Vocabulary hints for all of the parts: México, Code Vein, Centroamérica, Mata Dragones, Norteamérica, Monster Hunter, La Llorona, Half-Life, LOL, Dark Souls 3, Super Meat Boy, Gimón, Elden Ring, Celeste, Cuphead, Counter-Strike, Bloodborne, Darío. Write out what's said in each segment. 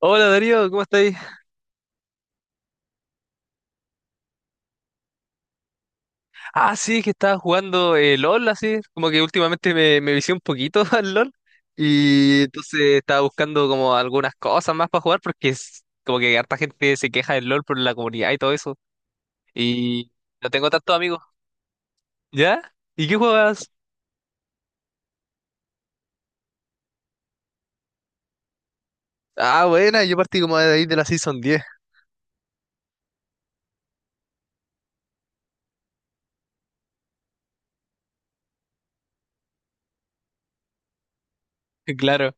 Hola Darío, ¿cómo estáis? Ah, sí, que estaba jugando LOL, así, como que últimamente me vicié un poquito al LOL y entonces estaba buscando como algunas cosas más para jugar porque es como que harta gente se queja del LOL por la comunidad y todo eso y no tengo tantos amigos. ¿Ya? ¿Y qué juegas? Ah, buena, yo partí como de ahí de la Season diez. Claro.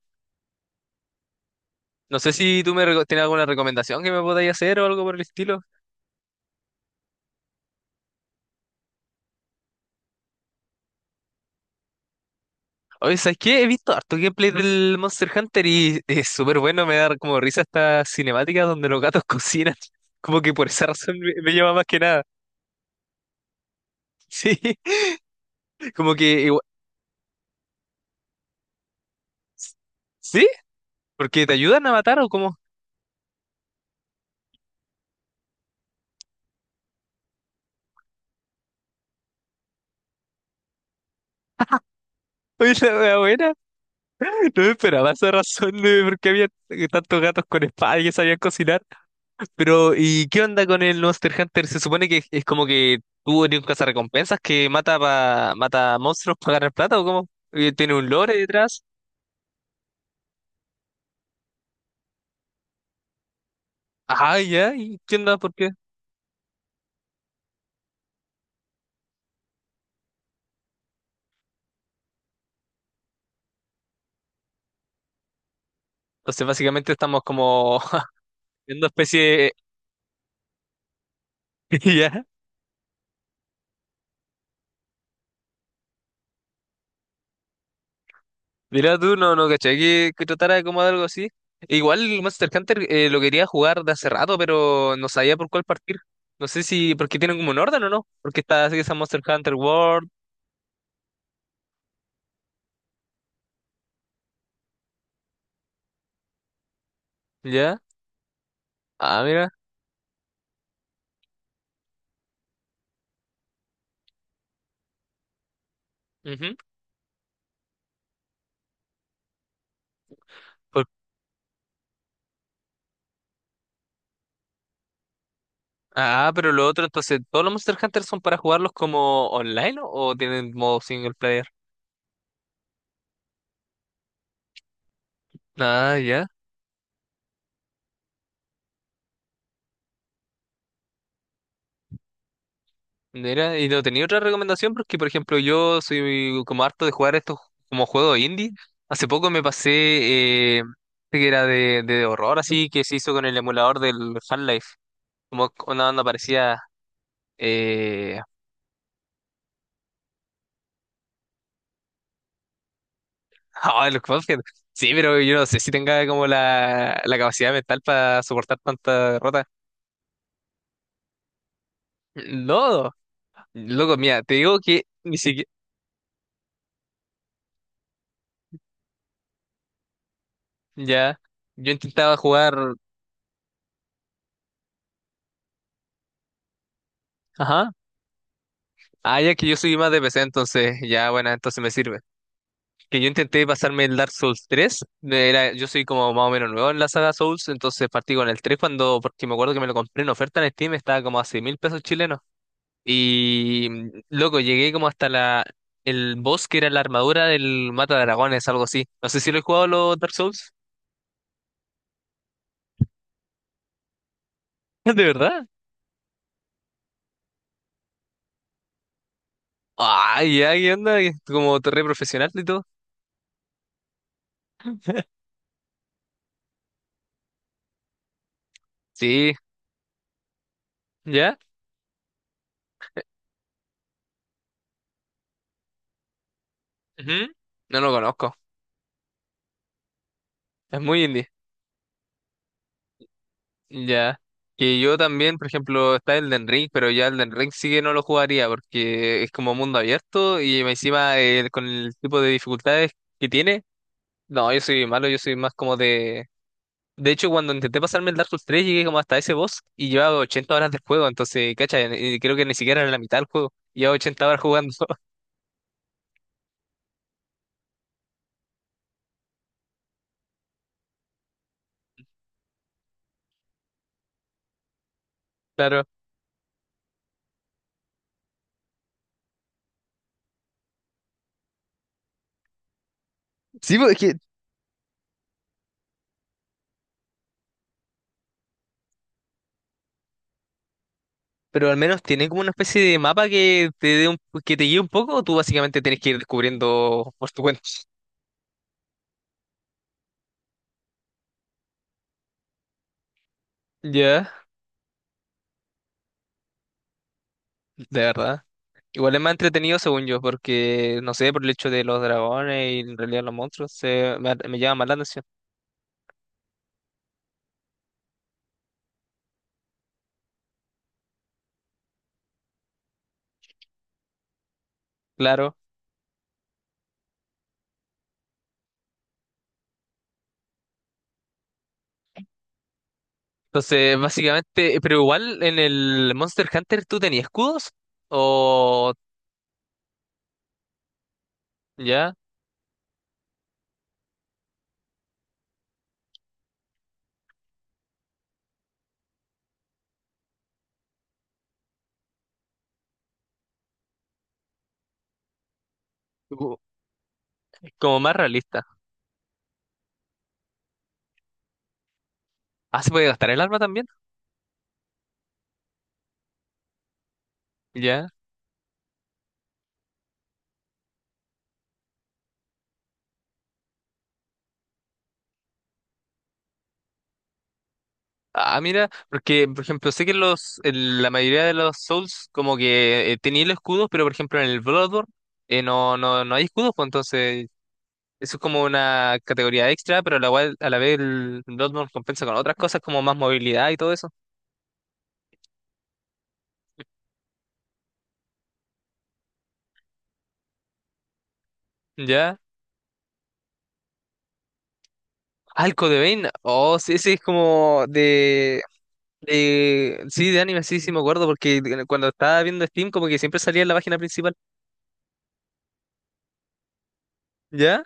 No sé si tienes alguna recomendación que me podáis hacer o algo por el estilo. Oye, ¿sabes qué? He visto harto gameplay del Monster Hunter y es súper bueno, me da como risa esta cinemática donde los gatos cocinan. Como que por esa razón me llama más que nada. Sí, como que ¿Sí? ¿Porque te ayudan a matar o cómo? Oye, la wea buena. No me esperaba esa razón de por qué había tantos gatos con espada y que sabían cocinar. Pero, ¿y qué onda con el Monster Hunter? Se supone que es como que tú eres un cazarrecompensas que mata monstruos para ganar plata o ¿cómo? ¿Tiene un lore detrás? Ah, ya, y entiendo por qué. Entonces, básicamente estamos como viendo especie. Ya. Mira tú, no, no, caché que tratara como de algo así. Igual el Monster Hunter lo quería jugar de hace rato, pero no sabía por cuál partir. No sé si. Porque tienen como un orden o no. Porque está así esa Monster Hunter World. Ya. Ah, mira. Ujú. Por- Ah, pero lo otro, entonces, ¿todos los Monster Hunter son para jugarlos como online o tienen modo single player? Ah, ya. Mira, y no tenía otra recomendación porque, por ejemplo, yo soy como harto de jugar estos como juegos indie. Hace poco me pasé, eh, que era de horror, así que se hizo con el emulador del Half-Life. Como una banda parecía. Eh... ah, el Cuphead. Sí, pero yo no sé si tenga como la capacidad mental para soportar tanta derrota. No, loco, mira, te digo que ni siquiera. Ya, yo intentaba jugar. Ajá. Ah, ya que yo soy más de PC, entonces ya, bueno, entonces me sirve. Que yo intenté pasarme el Dark Souls 3. Era, yo soy como más o menos nuevo en la saga Souls, entonces partí con el 3 cuando, porque me acuerdo que me lo compré en oferta en Steam, estaba como a 6 mil pesos chilenos. Y loco, llegué como hasta el boss que era la armadura del Mata Dragones, algo así. No sé si lo he jugado los Dark Souls. ¿De verdad? Ay, ya, ¿qué onda? Como torre profesional y todo. Sí, ¿ya? Ujú. No lo conozco. Es muy indie. Ya. Que yo también, por ejemplo, está Elden Ring, pero ya Elden Ring sí que no lo jugaría porque es como mundo abierto y encima con el tipo de dificultades que tiene. No, yo soy malo, yo soy más como de... De hecho, cuando intenté pasarme el Dark Souls 3 llegué como hasta ese boss y llevaba 80 horas de juego, entonces, cacha, creo que ni siquiera era la mitad del juego. Llevaba 80 horas jugando, claro. Sí, pues, es que... Pero al menos tiene como una especie de mapa que te dé que te guíe un poco, o tú básicamente tienes que ir descubriendo por tu cuenta. Ya, de verdad. Igual es más entretenido según yo, porque no sé, por el hecho de los dragones y en realidad los monstruos, me llama más la atención. Claro. Entonces, básicamente, pero igual en el Monster Hunter tú tenías escudos o ya, u- como más realista. Ah, se puede gastar el arma también, ya. Ah, mira, porque por ejemplo, sé que los, en la mayoría de los Souls como que tenían los escudos, pero por ejemplo en el Bloodborne no hay escudos, pues entonces eso es como una categoría extra, pero a a la vez el Bloodborne compensa con otras cosas como más movilidad y todo eso. ¿Ya? Ah, el Code Vein. Oh, sí, ese es como de... Sí, de anime, sí, sí me acuerdo, porque cuando estaba viendo Steam como que siempre salía en la página principal. ¿Ya?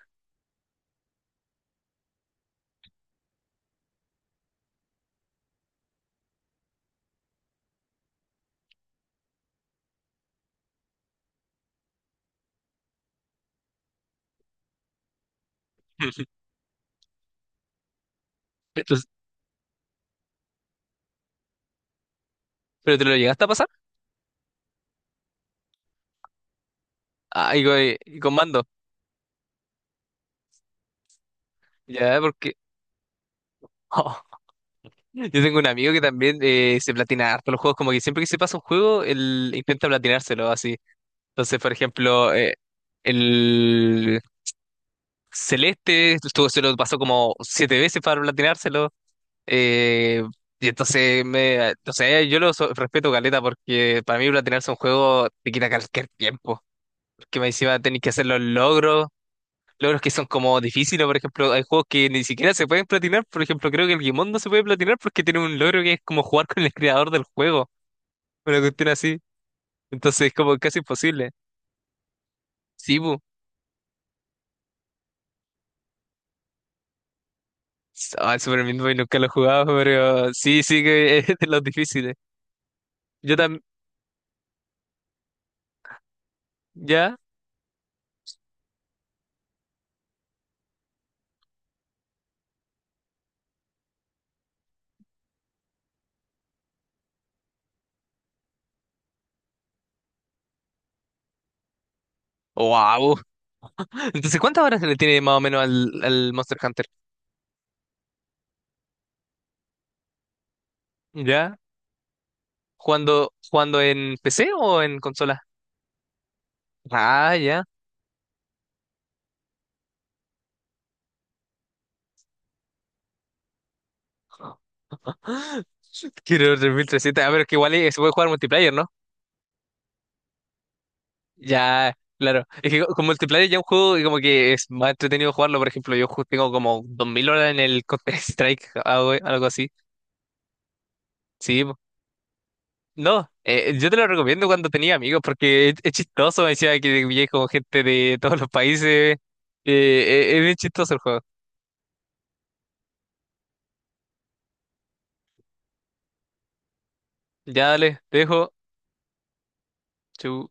Pero, pero ¿te lo llegaste a pasar? Ah, y con mando. ¿Ya? Porque... Oh, yo tengo un amigo que también se platina harto los juegos, como que siempre que se pasa un juego, él intenta platinárselo así. Entonces, por ejemplo... el Celeste, estuvo, se lo pasó como 7 veces para platinárselo. eh, y entonces, o sea, yo respeto caleta porque para mí platinarse un juego te quita cualquier tiempo. Porque me encima tenés que hacer los logros, logros que son como difíciles. Por ejemplo, hay juegos que ni siquiera se pueden platinar. Por ejemplo, creo que el Gimón no se puede platinar porque tiene un logro que es como jugar con el creador del juego. Una cuestión así. Entonces, es como casi imposible. Sí, bu. Ah, el Super Meat Boy nunca lo he jugado, pero sí, sí que es de los difíciles. Yo, tam- ¿Ya? ¡Wow! Entonces, ¿cuántas horas le tiene más o menos al Monster Hunter? ¿Ya? ¿Jugando, jugando en PC o en consola? Ah, ya. Quiero 3300. A ver, que igual se puede jugar multiplayer, ¿no? Ya, claro. Es que con multiplayer ya un juego y como que es más entretenido jugarlo. Por ejemplo, tengo como 2000 horas en el Counter-Strike, algo, algo así. Sí, po. No. Yo te lo recomiendo cuando tenía amigos porque es chistoso. Me decía que vivía con gente de todos los países. Es bien chistoso el juego. Ya dale, te dejo. Chau.